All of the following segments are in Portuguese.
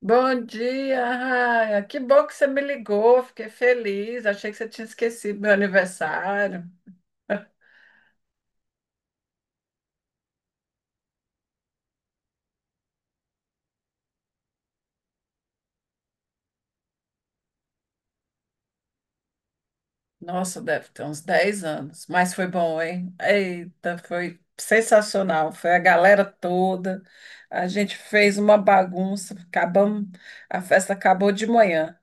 Bom dia, Raia. Que bom que você me ligou. Fiquei feliz. Achei que você tinha esquecido meu aniversário. Nossa, deve ter uns 10 anos. Mas foi bom, hein? Eita, foi sensacional. Foi a galera toda. A gente fez uma bagunça. A festa acabou de manhã.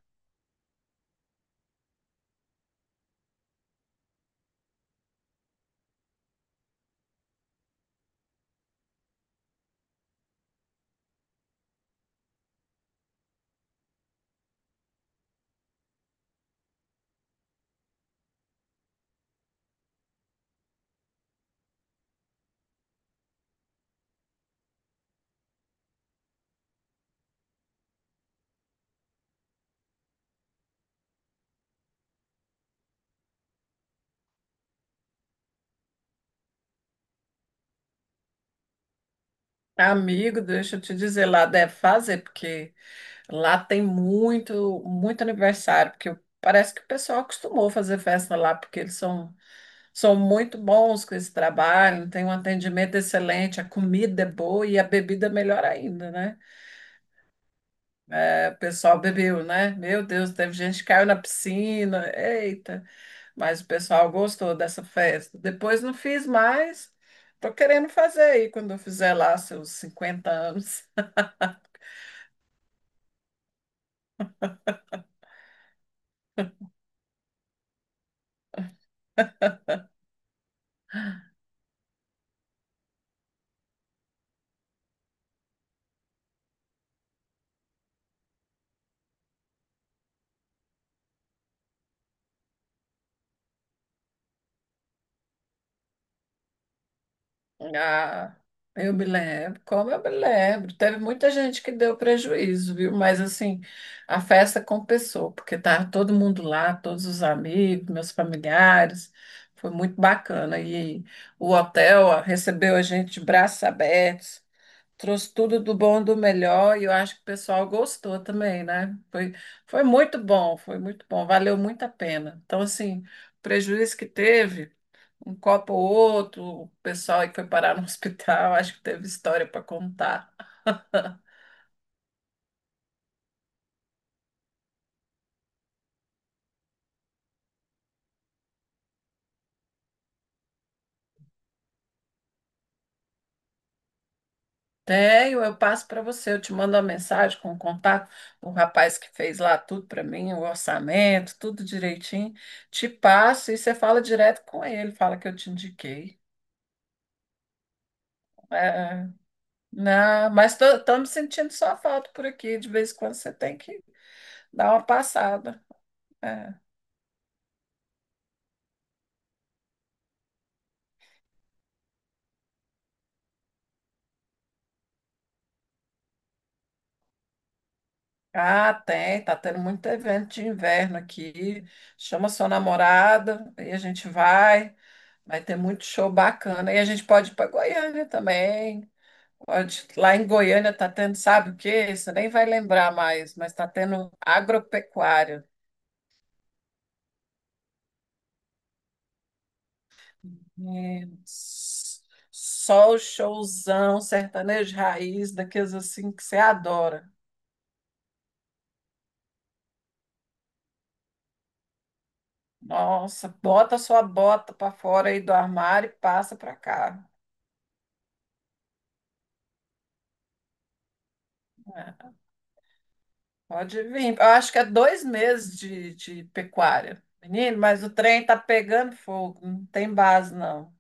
Amigo, deixa eu te dizer, lá deve fazer, porque lá tem muito, muito aniversário, porque parece que o pessoal acostumou a fazer festa lá, porque eles são muito bons com esse trabalho, tem um atendimento excelente, a comida é boa e a bebida é melhor ainda, né? É, o pessoal bebeu, né? Meu Deus, teve gente que caiu na piscina, eita! Mas o pessoal gostou dessa festa. Depois não fiz mais, tô querendo fazer aí quando eu fizer lá seus 50 anos. Ah, eu me lembro, como eu me lembro. Teve muita gente que deu prejuízo, viu? Mas assim, a festa compensou, porque estava todo mundo lá, todos os amigos, meus familiares. Foi muito bacana. E o hotel ó, recebeu a gente de braços abertos, trouxe tudo do bom e do melhor, e eu acho que o pessoal gostou também, né? Foi muito bom, foi muito bom, valeu muito a pena. Então, assim, o prejuízo que teve um copo ou outro, o pessoal aí que foi parar no hospital, acho que teve história para contar. Tenho, eu passo para você, eu te mando uma mensagem com o contato o rapaz que fez lá tudo para mim, o orçamento, tudo direitinho. Te passo e você fala direto com ele, fala que eu te indiquei. É, não, mas tô me sentindo só falta por aqui, de vez em quando você tem que dar uma passada. É. Ah, tem, tá tendo muito evento de inverno aqui. Chama sua namorada, aí a gente vai, vai ter muito show bacana. E a gente pode ir para Goiânia também. Pode, lá em Goiânia tá tendo, sabe o quê? Você nem vai lembrar mais, mas tá tendo agropecuária. É, só o showzão sertanejo de raiz, daqueles assim que você adora. Nossa, bota sua bota para fora aí do armário e passa para cá. É. Pode vir. Eu acho que é 2 meses de pecuária. Menino, mas o trem tá pegando fogo, não tem base, não.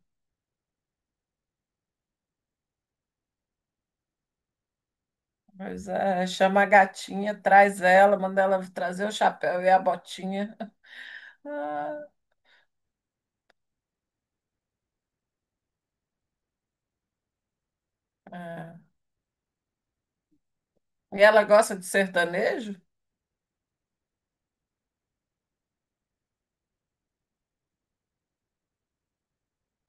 Mas é, chama a gatinha, traz ela, manda ela trazer o chapéu e a botinha. Ah, é. E ela gosta de sertanejo?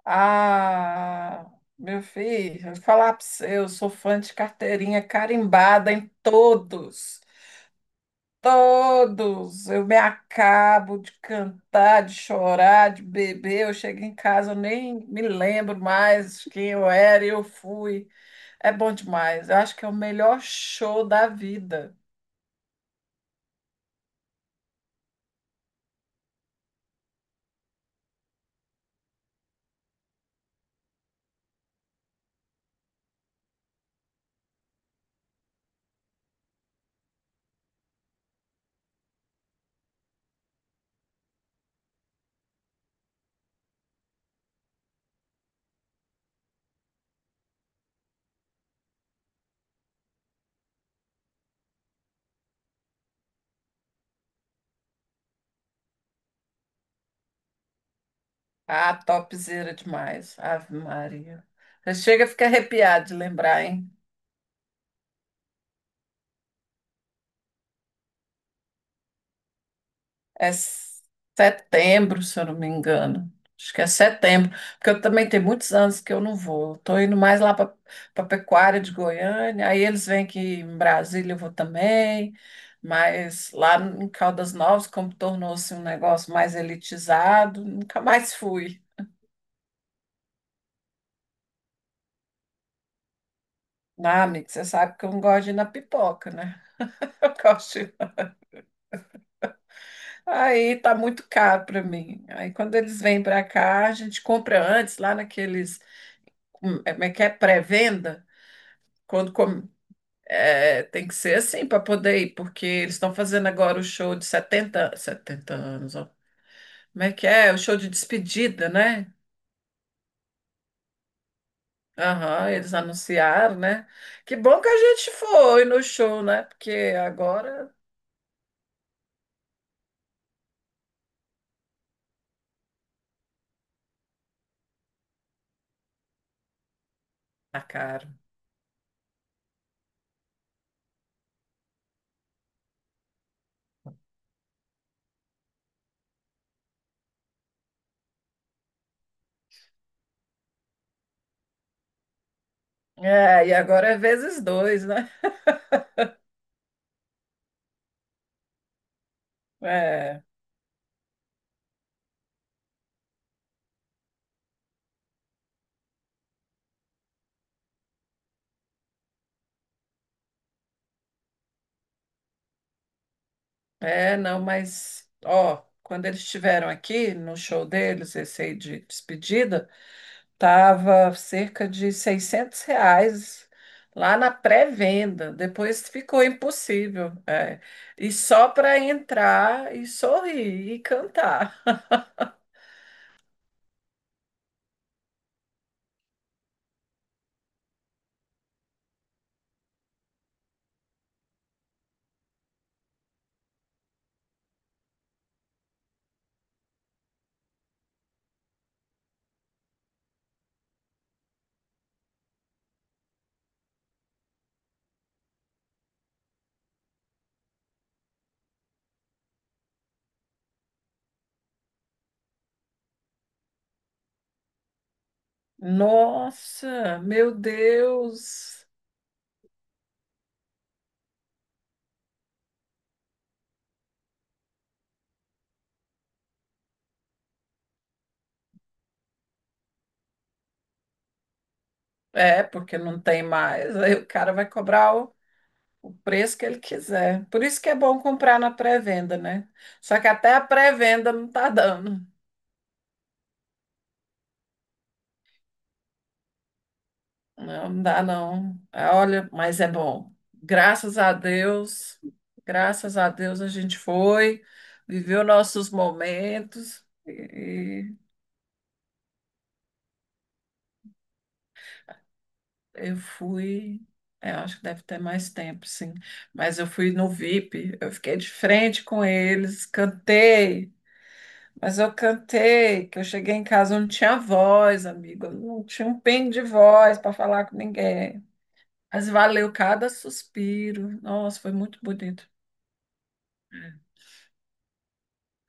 Ah, meu filho, eu vou falar pra você, eu sou fã de carteirinha carimbada em todos. Todos, eu me acabo de cantar, de chorar, de beber. Eu chego em casa, eu nem me lembro mais quem eu era e eu fui. É bom demais. Eu acho que é o melhor show da vida. Ah, topzera demais. Ave Maria. Você chega a ficar arrepiado de lembrar, hein? É setembro, se eu não me engano. Acho que é setembro, porque eu também tenho muitos anos que eu não vou. Estou indo mais lá para a Pecuária de Goiânia, aí eles vêm aqui em Brasília, eu vou também. Mas lá em Caldas Novas, como tornou-se um negócio mais elitizado, nunca mais fui. Ah, amigo, você sabe que eu não gosto de ir na pipoca, né? Eu gosto de... Aí tá muito caro para mim. Aí quando eles vêm para cá, a gente compra antes, lá naqueles, é, como é que é? Pré-venda. Quando com- é, tem que ser assim para poder ir, porque eles estão fazendo agora o show de setenta anos, ó. Como é que é? O show de despedida, né? Aham, eles anunciaram, né? Que bom que a gente foi no show, né? Porque agora tá caro. É, e agora é vezes 2, né? É, é, não, mas, ó, quando eles estiveram aqui no show deles, esse aí de despedida, tava cerca de R$ 600 lá na pré-venda. Depois ficou impossível. É. E só para entrar e sorrir e cantar. Nossa, meu Deus. É, porque não tem mais. Aí o cara vai cobrar o preço que ele quiser. Por isso que é bom comprar na pré-venda, né? Só que até a pré-venda não tá dando. Não dá, não. Ah, olha, mas é bom. Graças a Deus, graças a Deus a gente foi, viveu nossos momentos e eu fui. É, acho que deve ter mais tempo, sim. Mas eu fui no VIP, eu fiquei de frente com eles, cantei, mas eu cantei, que eu cheguei em casa, eu não tinha voz, amigo, eu não tinha um pingo de voz para falar com ninguém. Mas valeu cada suspiro. Nossa, foi muito bonito.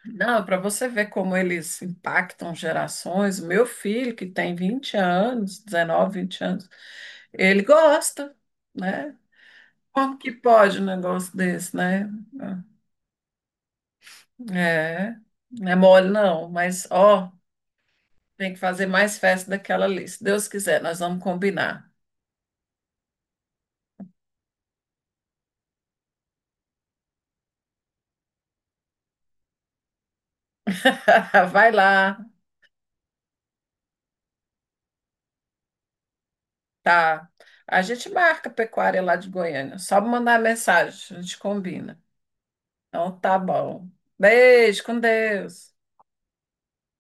Não, para você ver como eles impactam gerações, meu filho, que tem 20 anos, 19, 20 anos, ele gosta, né? Como que pode um negócio desse, né? É, não é mole não, mas ó, tem que fazer mais festa daquela ali. Se Deus quiser, nós vamos combinar. Vai lá, tá. A gente marca a pecuária lá de Goiânia. Só mandar mensagem, a gente combina. Então tá bom. Beijo, com Deus.